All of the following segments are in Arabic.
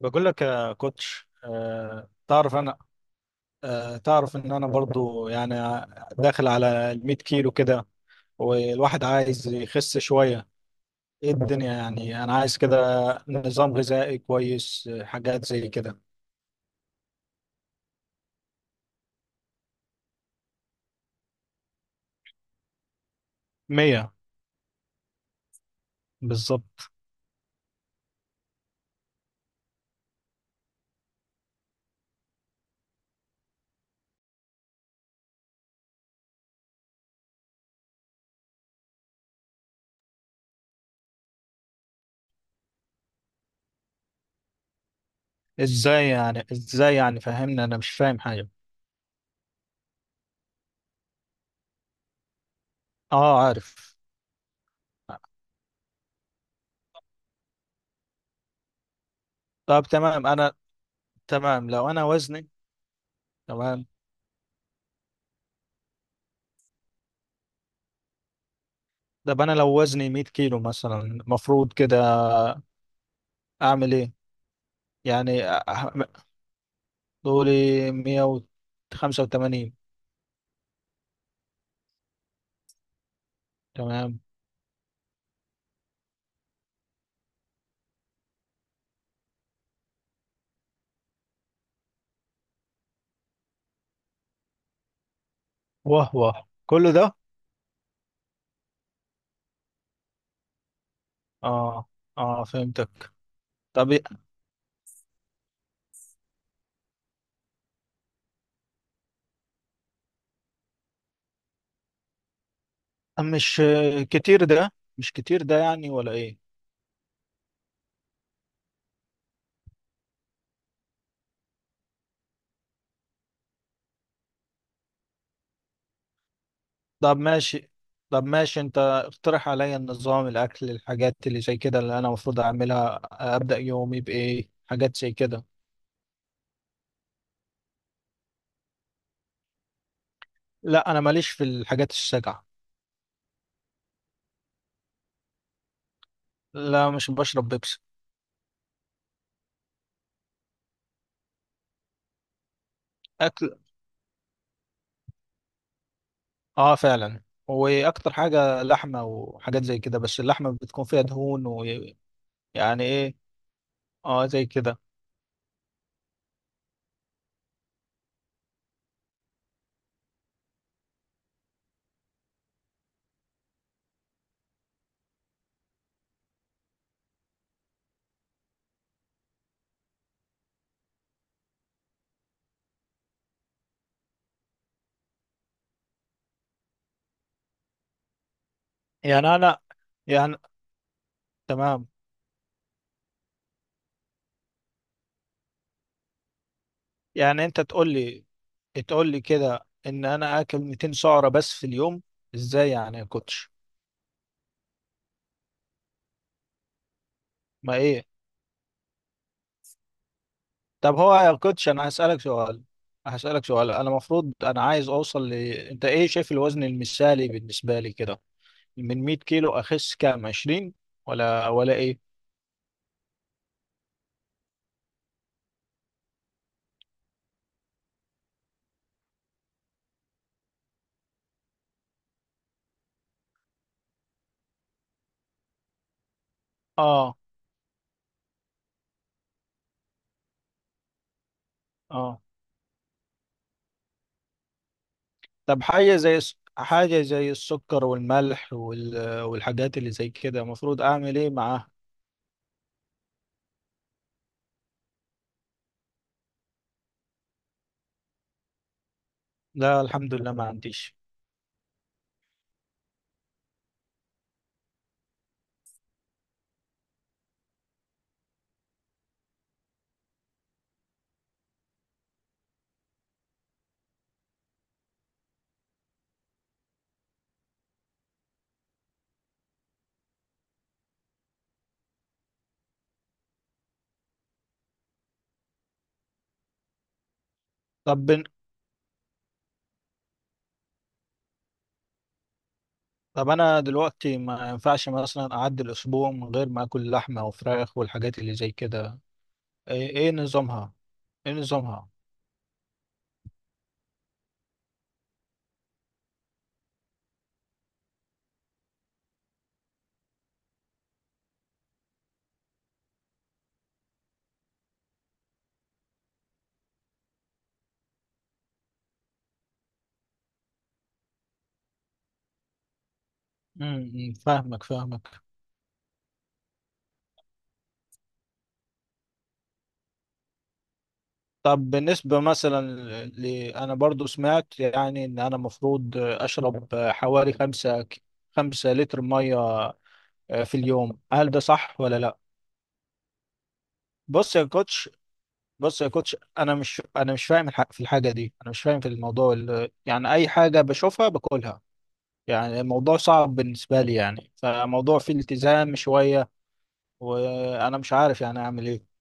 بقول لك يا كوتش، تعرف ان انا برضو يعني داخل على ال 100 كيلو كده. والواحد عايز يخس شوية. ايه الدنيا؟ يعني انا عايز كده نظام غذائي كويس، حاجات زي كده. 100. بالظبط. ازاي يعني فهمني، انا مش فاهم حاجة. اه، عارف. طب تمام، انا. تمام لو انا وزني. تمام. طب انا لو وزني 100 كيلو مثلا، المفروض كده اعمل ايه؟ يعني دوري، 185. تمام. واه واه، كل ده؟ اه اه، فهمتك. طب إيه- مش كتير ده مش كتير ده يعني، ولا ايه؟ طب ماشي. انت اقترح عليا النظام، الاكل، الحاجات اللي زي كده اللي انا المفروض اعملها. ابدا يومي بايه، حاجات زي كده. لا، انا ماليش في الحاجات الساقعه. لا، مش بشرب بيبسي. اكل. اه فعلا. واكتر حاجه لحمه وحاجات زي كده، بس اللحمه بتكون فيها دهون ويعني. ايه. اه، زي كده. يعني انا، يعني، تمام. يعني انت تقول لي، كده ان انا اكل 200 سعرة بس في اليوم؟ ازاي يعني يا كوتش؟ ما ايه. طب هو يا كوتش انا هسألك سؤال. انا المفروض، انا عايز اوصل انت ايه شايف الوزن المثالي بالنسبة لي كده؟ من 100 كيلو اخس كام؟ 20؟ ولا ايه؟ اه اه. طب حاجة زي السكر والملح والحاجات اللي زي كده، المفروض اعمل ايه معاها؟ لا الحمد لله، ما عنديش. طب طب انا دلوقتي ما ينفعش مثلا اعدي الاسبوع من غير ما اكل لحمه وفراخ والحاجات اللي زي كده؟ إيه نظامها؟ ايه نظامها؟ فاهمك فاهمك. طب بالنسبه مثلا ل... انا برضو سمعت يعني ان انا مفروض اشرب حوالي خمسة لتر ميه في اليوم، هل ده صح ولا لا؟ بص يا كوتش. انا مش فاهم في الحاجه دي. انا مش فاهم في الموضوع يعني اي حاجه بشوفها باكلها. يعني الموضوع صعب بالنسبه لي، يعني فموضوع فيه التزام شويه، وانا مش عارف يعني اعمل ايه.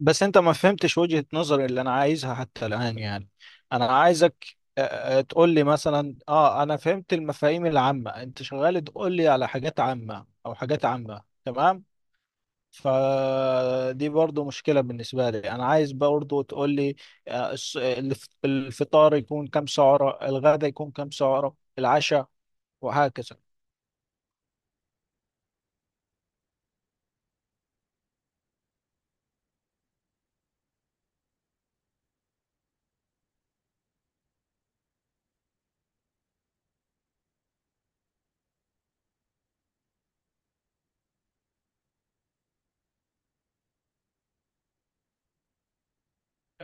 بس انت ما فهمتش وجهه نظري اللي انا عايزها حتى الان يعني. انا عايزك تقول لي مثلا. اه انا فهمت المفاهيم العامه، انت شغال تقول لي على حاجات عامه، او حاجات عامه، تمام. فدي برضو مشكلة بالنسبة لي، أنا عايز برضو تقول لي الفطار يكون كم سعرة، الغدا يكون كم سعرة، العشاء، وهكذا.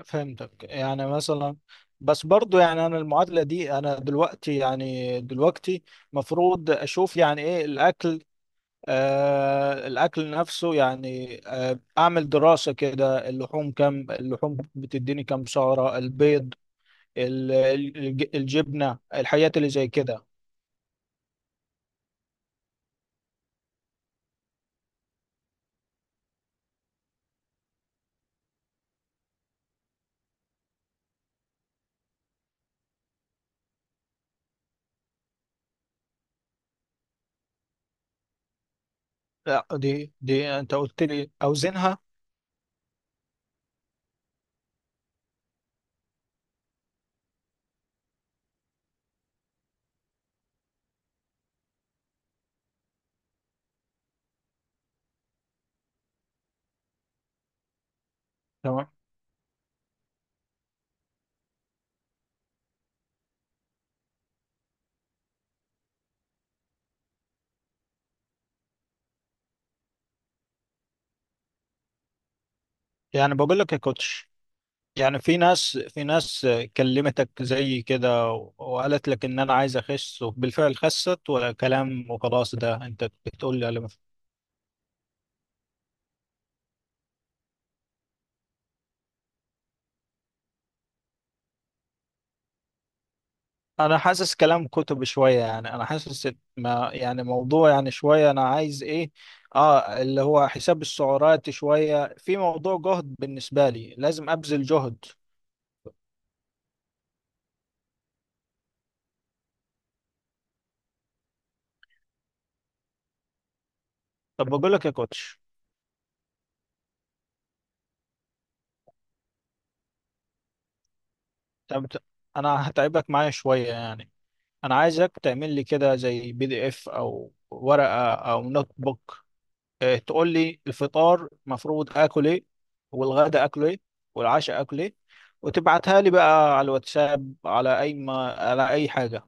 فهمتك يعني مثلا. بس برضو يعني أنا المعادلة دي، أنا دلوقتي، مفروض أشوف يعني إيه الأكل. الأكل نفسه، يعني أعمل دراسة كده، اللحوم بتديني كم سعرة؟ البيض، الجبنة، الحاجات اللي زي كده. لا دي انت قلت لي اوزنها. تمام. يعني بقول لك يا كوتش، يعني في ناس كلمتك زي كده وقالت لك ان انا عايز اخس، وبالفعل خست، ولا كلام وخلاص؟ ده انت بتقول لي. انا حاسس كلام كتب شوية، يعني انا حاسس إن ما يعني موضوع، يعني شوية انا عايز ايه؟ اه اللي هو حساب السعرات شوية، في موضوع جهد بالنسبة لي، لازم ابذل جهد. طب بقول لك يا كوتش. طب ت- انا هتعبك معايا شوية يعني. انا عايزك تعمل لي كده زي PDF او ورقة او نوت بوك، تقول لي الفطار المفروض اكل ايه، والغدا اكل ايه، والعشاء اكل ايه، وتبعتها لي بقى على الواتساب، على اي ما على اي حاجة.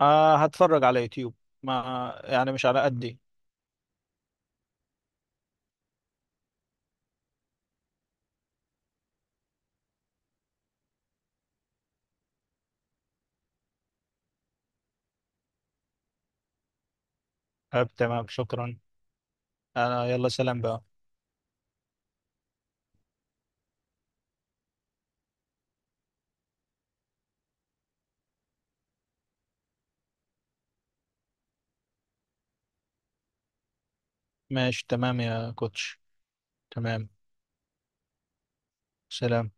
أه، هتفرج على يوتيوب. ما يعني مش على قدي. طب تمام، شكرا. انا، يلا، سلام بقى. ماشي تمام يا كوتش. تمام. سلام.